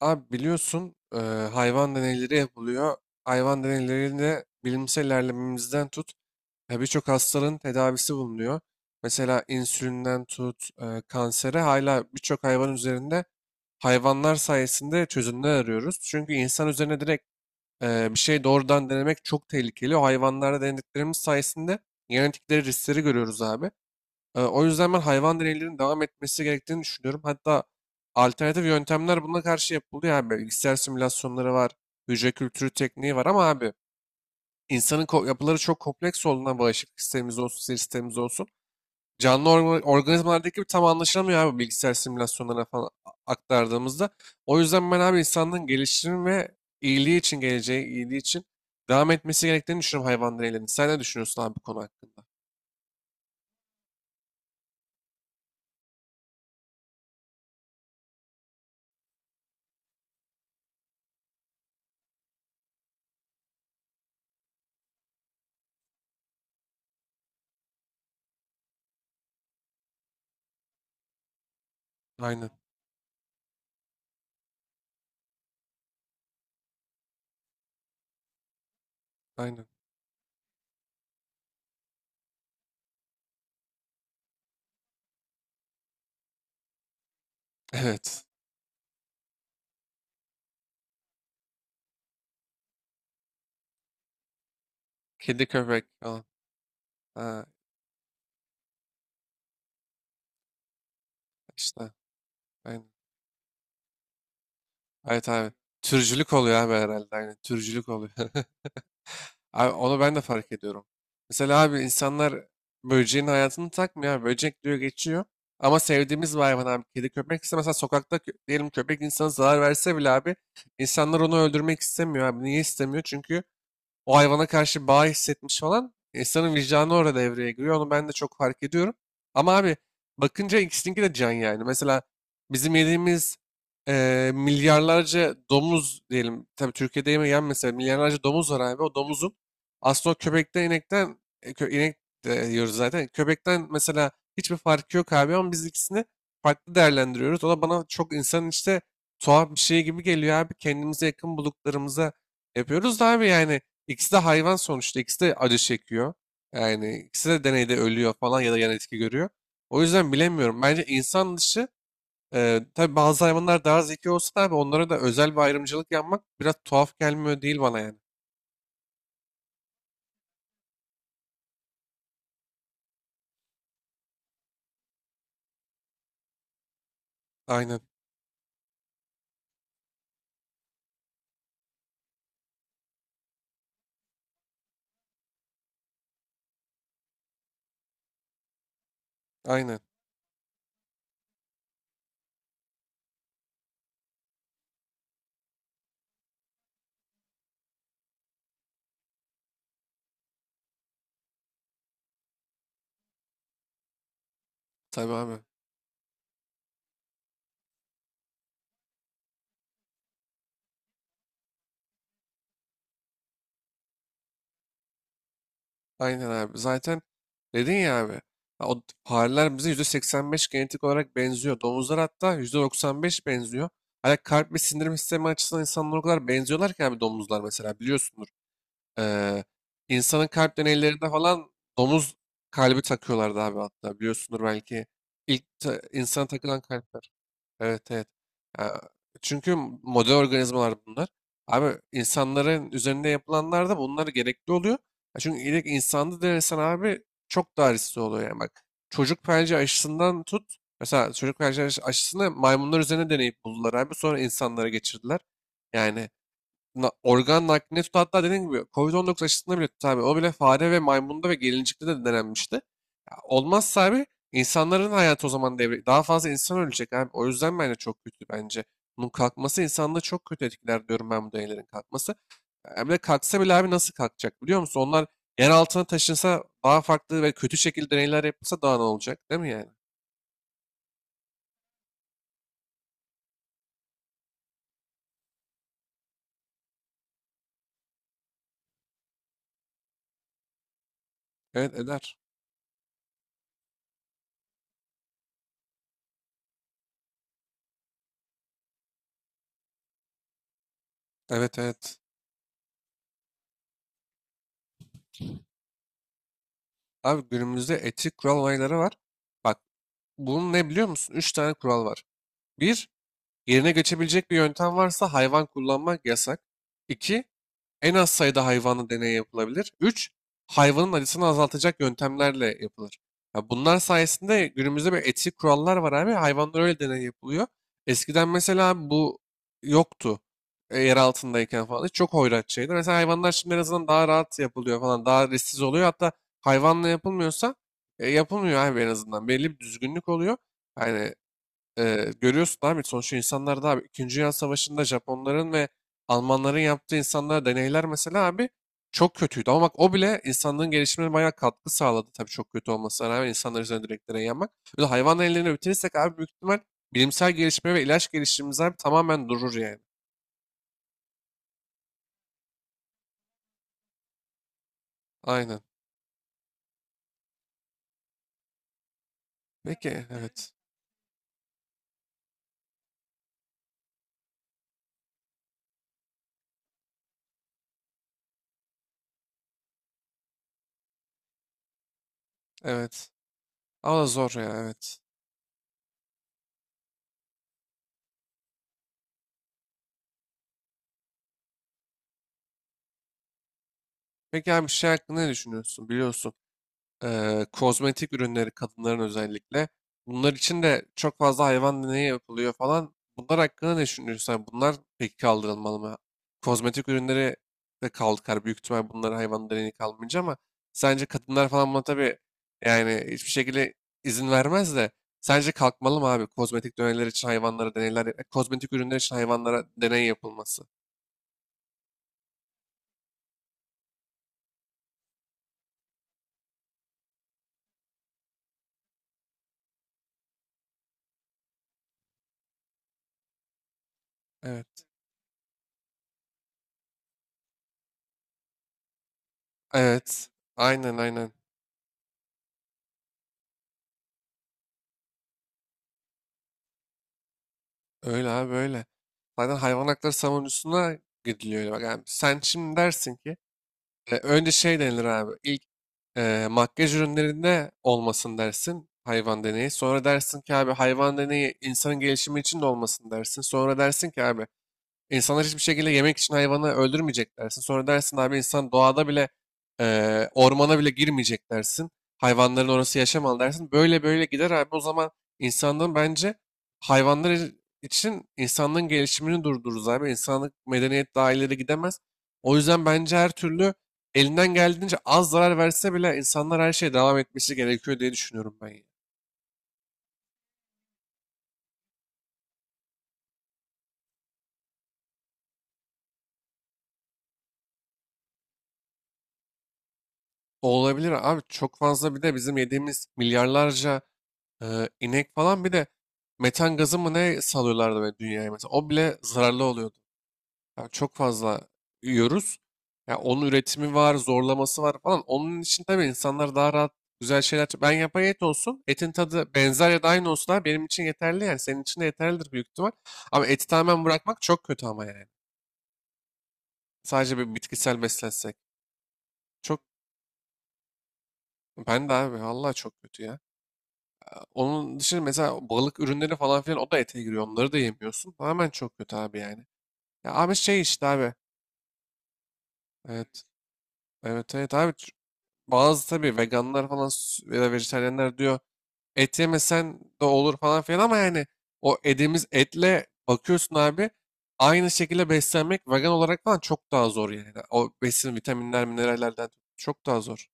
Abi biliyorsun hayvan deneyleri yapılıyor. Hayvan deneylerinde bilimsel ilerlememizden tut ya birçok hastalığın tedavisi bulunuyor. Mesela insülinden tut kansere hala birçok hayvan üzerinde hayvanlar sayesinde çözümler arıyoruz. Çünkü insan üzerine direkt bir şey doğrudan denemek çok tehlikeli. O hayvanlarda denediklerimiz sayesinde genetikleri riskleri görüyoruz abi. O yüzden ben hayvan deneylerinin devam etmesi gerektiğini düşünüyorum. Hatta alternatif yöntemler buna karşı yapılıyor abi. Bilgisayar simülasyonları var, hücre kültürü tekniği var ama abi insanın yapıları çok kompleks olduğundan bağışıklık sistemimiz olsun, sinir sistemimiz olsun. Canlı organizmalardaki gibi tam anlaşılamıyor abi bilgisayar simülasyonlarına falan aktardığımızda. O yüzden ben abi insanlığın gelişimi ve iyiliği için, geleceği iyiliği için devam etmesi gerektiğini düşünüyorum hayvan deneylerinin. Sen ne düşünüyorsun abi bu konu hakkında? Aynen, aynen. Evet. Kedi köpek falan. Ha, işte. Aynen. Evet abi. Türcülük oluyor abi herhalde. Aynen. Türcülük oluyor. Abi onu ben de fark ediyorum. Mesela abi insanlar böceğin hayatını takmıyor abi. Böcek diyor geçiyor. Ama sevdiğimiz bir hayvan abi. Kedi köpek ise mesela sokakta diyelim köpek insana zarar verse bile abi insanlar onu öldürmek istemiyor abi. Niye istemiyor? Çünkü o hayvana karşı bağ hissetmiş falan insanın vicdanı orada devreye giriyor. Onu ben de çok fark ediyorum. Ama abi bakınca ikisininki de can yani. Mesela bizim yediğimiz milyarlarca domuz diyelim. Tabii Türkiye'de yemeyen mesela milyarlarca domuz var abi. O domuzun aslında o köpekten inekten inek de yiyoruz zaten. Köpekten mesela hiçbir farkı yok abi ama biz ikisini farklı değerlendiriyoruz. O da bana çok insanın işte tuhaf bir şey gibi geliyor abi. Kendimize yakın bulduklarımıza yapıyoruz da abi yani. İkisi de hayvan sonuçta. İkisi de acı çekiyor. Yani ikisi de deneyde ölüyor falan ya da yan etki görüyor. O yüzden bilemiyorum. Bence insan dışı tabii bazı hayvanlar daha zeki olsa da abi onlara da özel bir ayrımcılık yapmak biraz tuhaf gelmiyor değil bana yani. Aynen. Aynen. Tabii abi. Aynen abi. Zaten dedin ya abi. Ha, o fareler bize %85 genetik olarak benziyor. Domuzlar hatta %95 benziyor. Hani kalp ve sindirim sistemi açısından insanlar o kadar benziyorlar ki abi domuzlar mesela biliyorsundur. Ee, insanın kalp deneylerinde falan domuz kalbi takıyorlardı abi hatta biliyorsundur belki. İlk insana takılan kalpler. Evet evet. Ya, çünkü model organizmalar bunlar. Abi insanların üzerinde yapılanlar da bunlar gerekli oluyor. Ya çünkü ilk insanda denesen abi çok daha riskli oluyor yani bak. Çocuk felci aşısından tut. Mesela çocuk felci aşısını maymunlar üzerine deneyip buldular abi. Sonra insanlara geçirdiler. Yani organ naklini tut hatta dediğim gibi covid 9 aşısında bile tut abi. O bile fare ve maymunda ve gelincikte de denenmişti. Ya olmazsa abi insanların hayatı o zaman devre daha fazla insan ölecek abi. O yüzden bence çok kötü bence. Bunun kalkması insanlığı çok kötü etkiler diyorum ben bu deneylerin kalkması. Ya bir de kalksa bile abi nasıl kalkacak biliyor musun? Onlar yer altına taşınsa daha farklı ve kötü şekilde deneyler yapılsa daha ne olacak değil mi yani? Evet eder. Evet evet. Abi günümüzde etik kural olayları var. Bak bunun ne biliyor musun? Üç tane kural var. Bir. Yerine geçebilecek bir yöntem varsa hayvan kullanmak yasak. 2. En az sayıda hayvanla deney yapılabilir. Üç. Hayvanın acısını azaltacak yöntemlerle yapılır. Ya bunlar sayesinde günümüzde bir etik kurallar var abi. Hayvanlar öyle deney yapılıyor. Eskiden mesela bu yoktu. E, yer altındayken falan. Çok hoyrat şeydi. Mesela hayvanlar şimdi en azından daha rahat yapılıyor falan. Daha risksiz oluyor. Hatta hayvanla yapılmıyorsa yapılmıyor abi en azından. Belli bir düzgünlük oluyor. Yani görüyorsun abi sonuçta insanlar da abi 2. Dünya Savaşı'nda Japonların ve Almanların yaptığı insanlara deneyler mesela abi çok kötüydü. Ama bak o bile insanlığın gelişimine bayağı katkı sağladı tabii çok kötü olmasına rağmen insanlar üzerine direkt deney yapmak. Böyle hayvan ellerini bitirirsek abi büyük ihtimal bilimsel gelişme ve ilaç gelişimimiz abi tamamen durur yani. Aynen. Peki evet. Evet. Ama zor ya evet. Peki abi bir şey hakkında ne düşünüyorsun biliyorsun. Kozmetik ürünleri kadınların özellikle. Bunlar için de çok fazla hayvan deneyi yapılıyor falan. Bunlar hakkında ne düşünüyorsun? Yani bunlar peki kaldırılmalı mı? Kozmetik ürünleri de kalkar. Büyük ihtimal bunlara hayvan deneyi kalmayınca ama sence kadınlar falan buna tabii yani hiçbir şekilde izin vermez de sence kalkmalı mı abi? Kozmetik deneyler için hayvanlara deneyler, kozmetik ürünler için hayvanlara deney yapılması. Evet. Evet. Aynen aynen. Öyle abi öyle. Zaten hayvan hakları savunucusuna gidiliyor. Öyle. Bak yani sen şimdi dersin ki önce şey denilir abi. İlk makyaj ürünlerinde olmasın dersin hayvan deneyi. Sonra dersin ki abi hayvan deneyi insanın gelişimi için de olmasın dersin. Sonra dersin ki abi. İnsanlar hiçbir şekilde yemek için hayvanı öldürmeyecek dersin. Sonra dersin abi insan doğada bile ormana bile girmeyecek dersin. Hayvanların orası yaşamalı dersin. Böyle böyle gider abi. O zaman insanlığın bence hayvanlar için insanlığın gelişimini durdururuz abi. İnsanlık medeniyet daha ileri gidemez. O yüzden bence her türlü elinden geldiğince az zarar verse bile insanlar her şeye devam etmesi gerekiyor diye düşünüyorum ben. Ya. Olabilir abi çok fazla bir de bizim yediğimiz milyarlarca inek falan bir de metan gazı mı ne salıyorlardı böyle dünyaya mesela o bile zararlı oluyordu. Yani çok fazla yiyoruz. Ya onun üretimi var, zorlaması var falan. Onun için tabii insanlar daha rahat güzel şeyler. Ben yapay et olsun, etin tadı benzer ya da aynı olsun abi benim için yeterli yani senin için de yeterlidir büyük ihtimal. Ama eti tamamen bırakmak çok kötü ama yani. Sadece bir bitkisel beslensek. Çok ben de abi vallahi çok kötü ya. Onun dışında mesela balık ürünleri falan filan o da ete giriyor. Onları da yemiyorsun. Tamamen çok kötü abi yani. Ya abi şey işte abi. Evet. Evet evet abi. Bazı tabii veganlar falan ya da vejetaryenler diyor et yemesen de olur falan filan ama yani o yediğimiz etle bakıyorsun abi aynı şekilde beslenmek vegan olarak falan çok daha zor yani. O besin vitaminler minerallerden çok daha zor.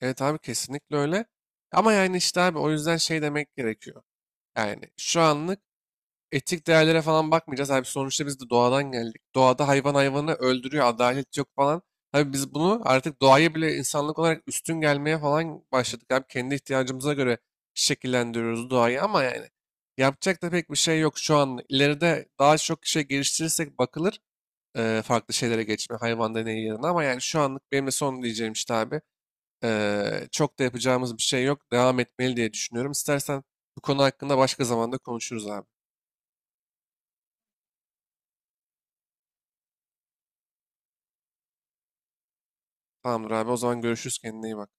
Evet abi kesinlikle öyle. Ama yani işte abi o yüzden şey demek gerekiyor. Yani şu anlık etik değerlere falan bakmayacağız. Abi sonuçta biz de doğadan geldik. Doğada hayvan hayvanı öldürüyor, adalet yok falan. Abi biz bunu artık doğaya bile insanlık olarak üstün gelmeye falan başladık. Abi kendi ihtiyacımıza göre şekillendiriyoruz doğayı ama yani yapacak da pek bir şey yok şu an. İleride daha çok şey geliştirirsek bakılır farklı şeylere geçme hayvan deneyi yerine ama yani şu anlık benim de son diyeceğim işte abi. Çok da yapacağımız bir şey yok. Devam etmeli diye düşünüyorum. İstersen bu konu hakkında başka zamanda konuşuruz abi. Tamamdır abi o zaman görüşürüz kendine iyi bak.